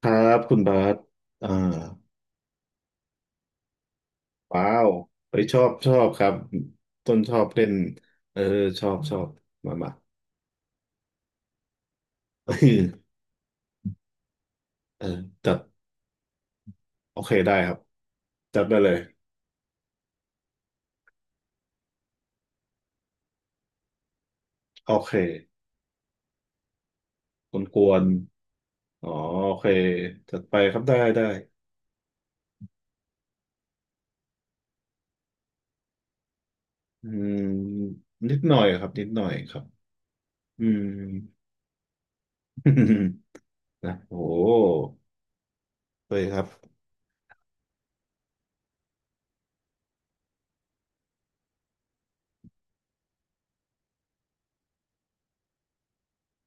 ครับคุณบาสอ่าว้าวไปชอบครับต้นชอบเล่นเออชอบมา เออเออจัดโอเคได้ครับจัดไปเลยโอเคกวนอ๋อโอเคจัดไปครับได้อืมนิดหน่อยครับนิดหน่อยครับอืม นะโอ้โหเลยครับ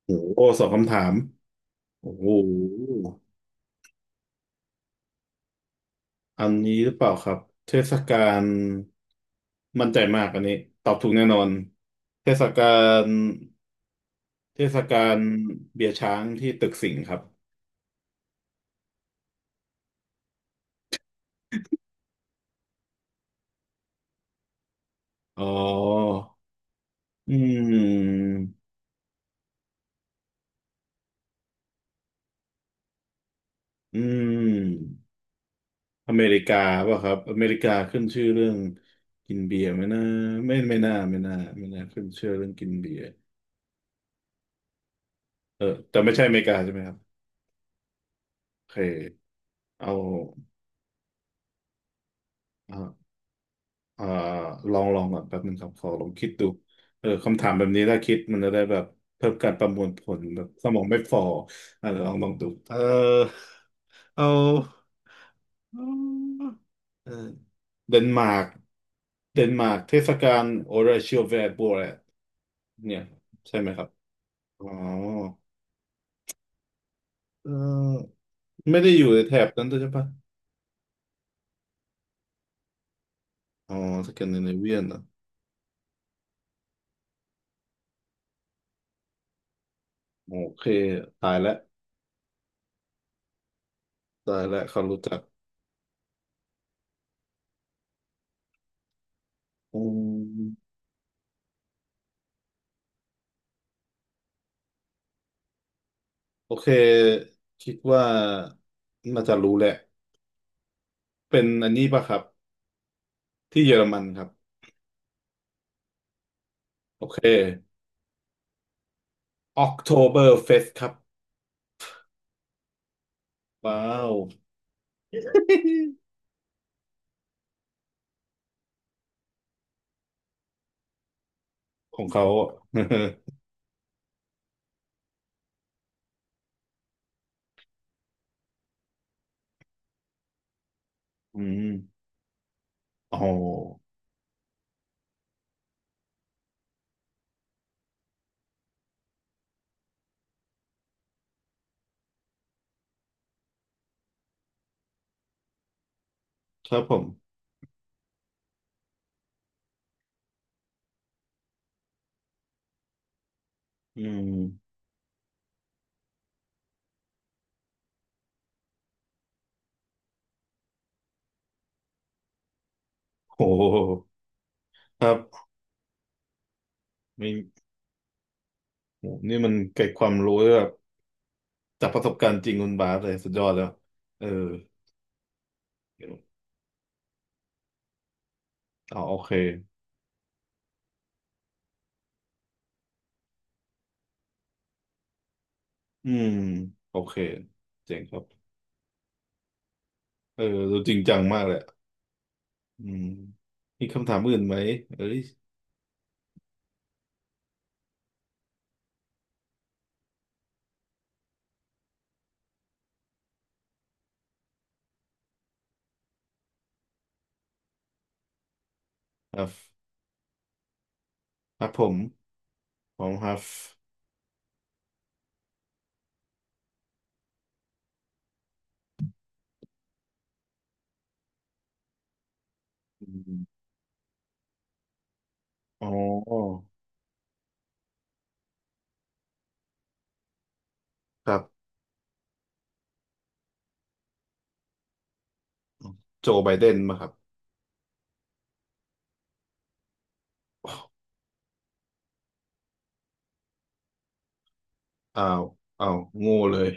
โอ้โหสองคำถามโอ้โห อันนี้หรือเปล่าครับเทศกาลมั่นใจมากอันนี้ตอบถูกแน่นอนเทศกาลเทศกาลเบียร์ช้างที่ตึกสิงห์ครับอ๋ออืมอืมอเมริกาป่ะครับอเมริกาขึ้นชื่อเรื่องกินเบียร์ไหมนะไม่น่าไม่น่าขึ้นชื่อเรื่องกินเบียร์เออแต่ไม่ใช่อเมริกาใช่ไหมครับโอเคเอาเอา อ่าลองก่อนแป๊บหนึ่งครับขอลองคิดดูเออคำถามแบบนี้ถ้าคิดมันจะได้แบบเพิ่มการประมวลผลแบบสมองไม่ฟออ่ะเดี๋ยวลองดูเออเอาเออเดนมาร์กเทศกาลโอราเชียลแวร์โบแรดเนี่ยใช่ไหมครับอ๋อเออไม่ได้อยู่ในแถบนั้นด้วยใช่ปะอ๋อสแกนดิเนเวียนเหรอโอเคตายแล้วตายแล้วเขารู้จักอืม โอเคคิดว่าน่าจะรู้แหละเป็นอันนี้ป่ะครับที่เยอรมันครับโอเค October Fest ครับว้าว ของเขาอะ อืมอ๋อครับผมอืมโหครับมโหนี่มันเกิดความรู้แบบจากประสบการณ์จริงคุณบาสเลยสุดยอดแล้วเออเดี๋ยวอ๋อโอเคอืมโอเคเจ๋งครับเออดูจริงจังมากเลย อืมมีคำถามอื่นไหมเอ้ยครับครับผมผมครับอืมอ๋อครับโจไบเดนมาครับอ้าวอ้าวโง่เลย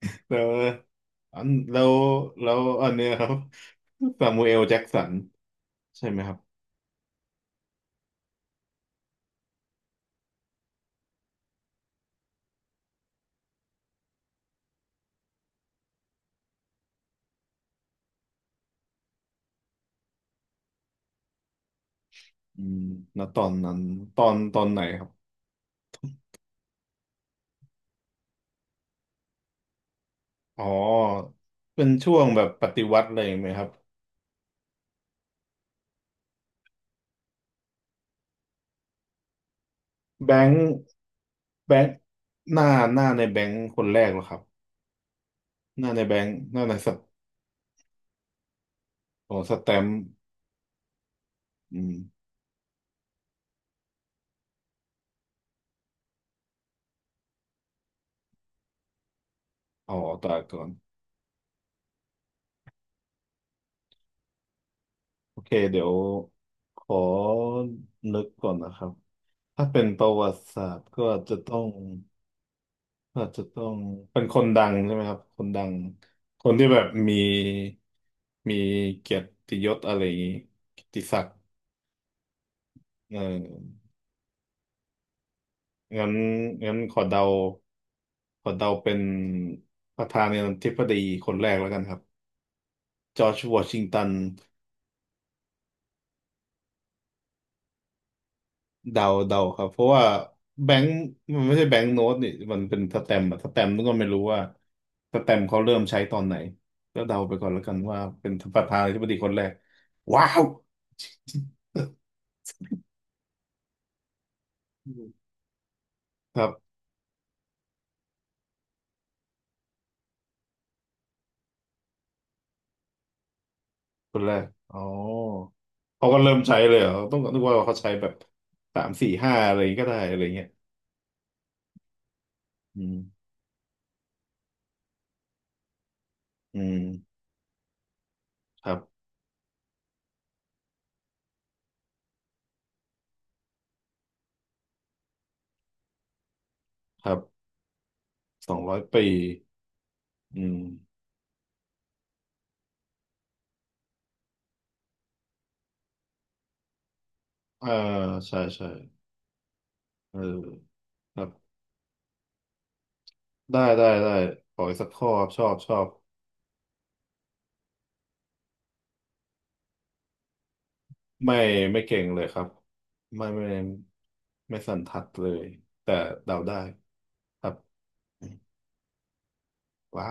แล้วอันแล้วแล้วอันเนี้ยครับซามูเอลแจ็กสันใช่ไหมครับอืมณตอนนั้นตอนไหนครับอ๋อเป็นช่วงแบบปฏิวัติอะไรไหมครับแบงค์แบงค์หน้าหน้าในแบงค์คนแรกเหรอครับหน้าในแบงค์หน้าในสั ของสแตมป์อืมอ๋อตายก่อนโอเคเดี๋ยวขอนึกก่อนนะครับถ้าเป็นประวัติศาสตร์ก็อาจจะต้องก็อาจจะต้องเป็นคนดังใช่ไหมครับคนดังคนที่แบบมีเกียรติยศอะไรอย่างนี้เกียรติศักดิ์เอองั้นงั้นขอเดาเป็นประธานาธิบดีคนแรกแล้วกันครับจอร์จวอชิงตัน เดาครับเพราะว่าแบงค์มันไม่ใช่แบงค์โน้ตนี่มันเป็นสแตมป์อะสแตมป์นี่ก็ไม่รู้ว่าสแตมป์เขาเริ่มใช้ตอนไหนก็เดาไปก่อนแล้วกันว่าเป็นประธานาธิบดีคนแรกว้าวอืมครับคนแรกอ๋อเขาก็เริ่มใช้เลยเหรอต้องนึกว่าเขาใช้แบบสามสี่ห้าอะไรก็ได้อะไรเงี้ยอืมอืมครับครับสองร้อยปีอืมอ่าใช่เออครับ ได้ขออีกสักข้อครับชอบชอบไม่ไม่เก่งเลยครับไม่ไม่สันทัดเลยแต่เดาได้ครับว้า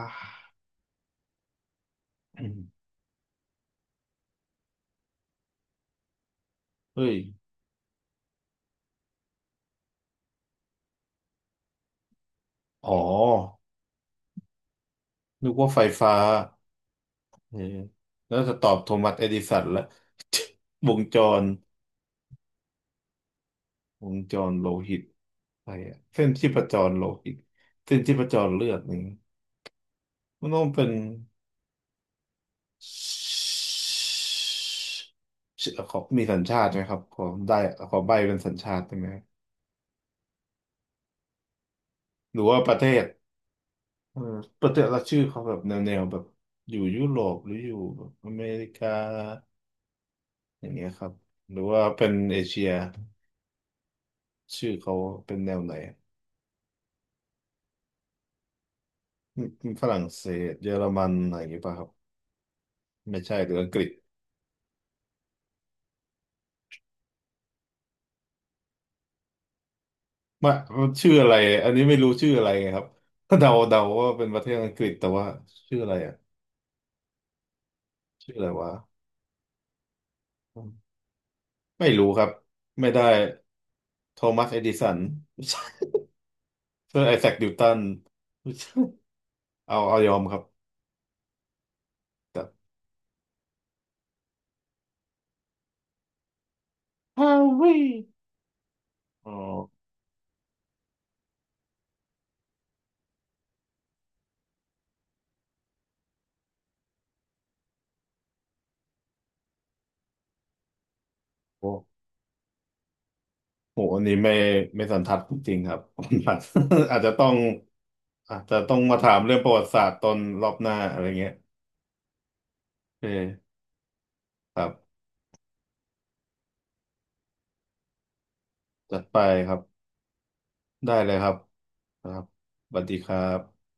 อืมเฮ้ยอ๋อนึกว่าไฟฟ้าเออแล้วจะตอบโทมัสเอดิสันละ วงจรวงจรโลหิตอะไรอะเส้นชีพจรโลหิตเส้นชีพจรเลือดนี่มันต้องเป็น ชื่อขอมีสัญชาติไหมครับขอได้ขอใบเป็นสัญชาติได้ไหมหรือว่าประเทศเออประเทศละชื่อเขาแบบแนวแบบอยู่ยุโรปหรืออยู่แบบอเมริกาอย่างเงี้ยครับหรือว่าเป็นเอเชียชื่อเขาเป็นแนวไหนอืมฝรั่งเศสเยอรมันอะไรอย่างเงี้ยป่ะครับไม่ใช่หรืออังกฤษมาชื่ออะไรอันนี้ไม่รู้ชื่ออะไรไงครับก็เดาว่าเป็นประเทศอังกฤษแต่ว่าชื่ออะไรอ่ะชื่ออะไรวะ ไม่รู้ครับไม่ได้โทมัสเอดิสัน ซึ่งเซอร์ไอแซคนิวตันเอายอมครับแต่ฮาวิอ๋อโอ้โหอันนี้ไม่ไม่สันทัดจริงๆครับ อาจจะต้องอาจจะต้องมาถามเรื่องประวัติศาสตร์ตอนรอบหน้าอะไรเงี้ยโอเคครับจัดไปครับได้เลยครับครับสวัสดีครับ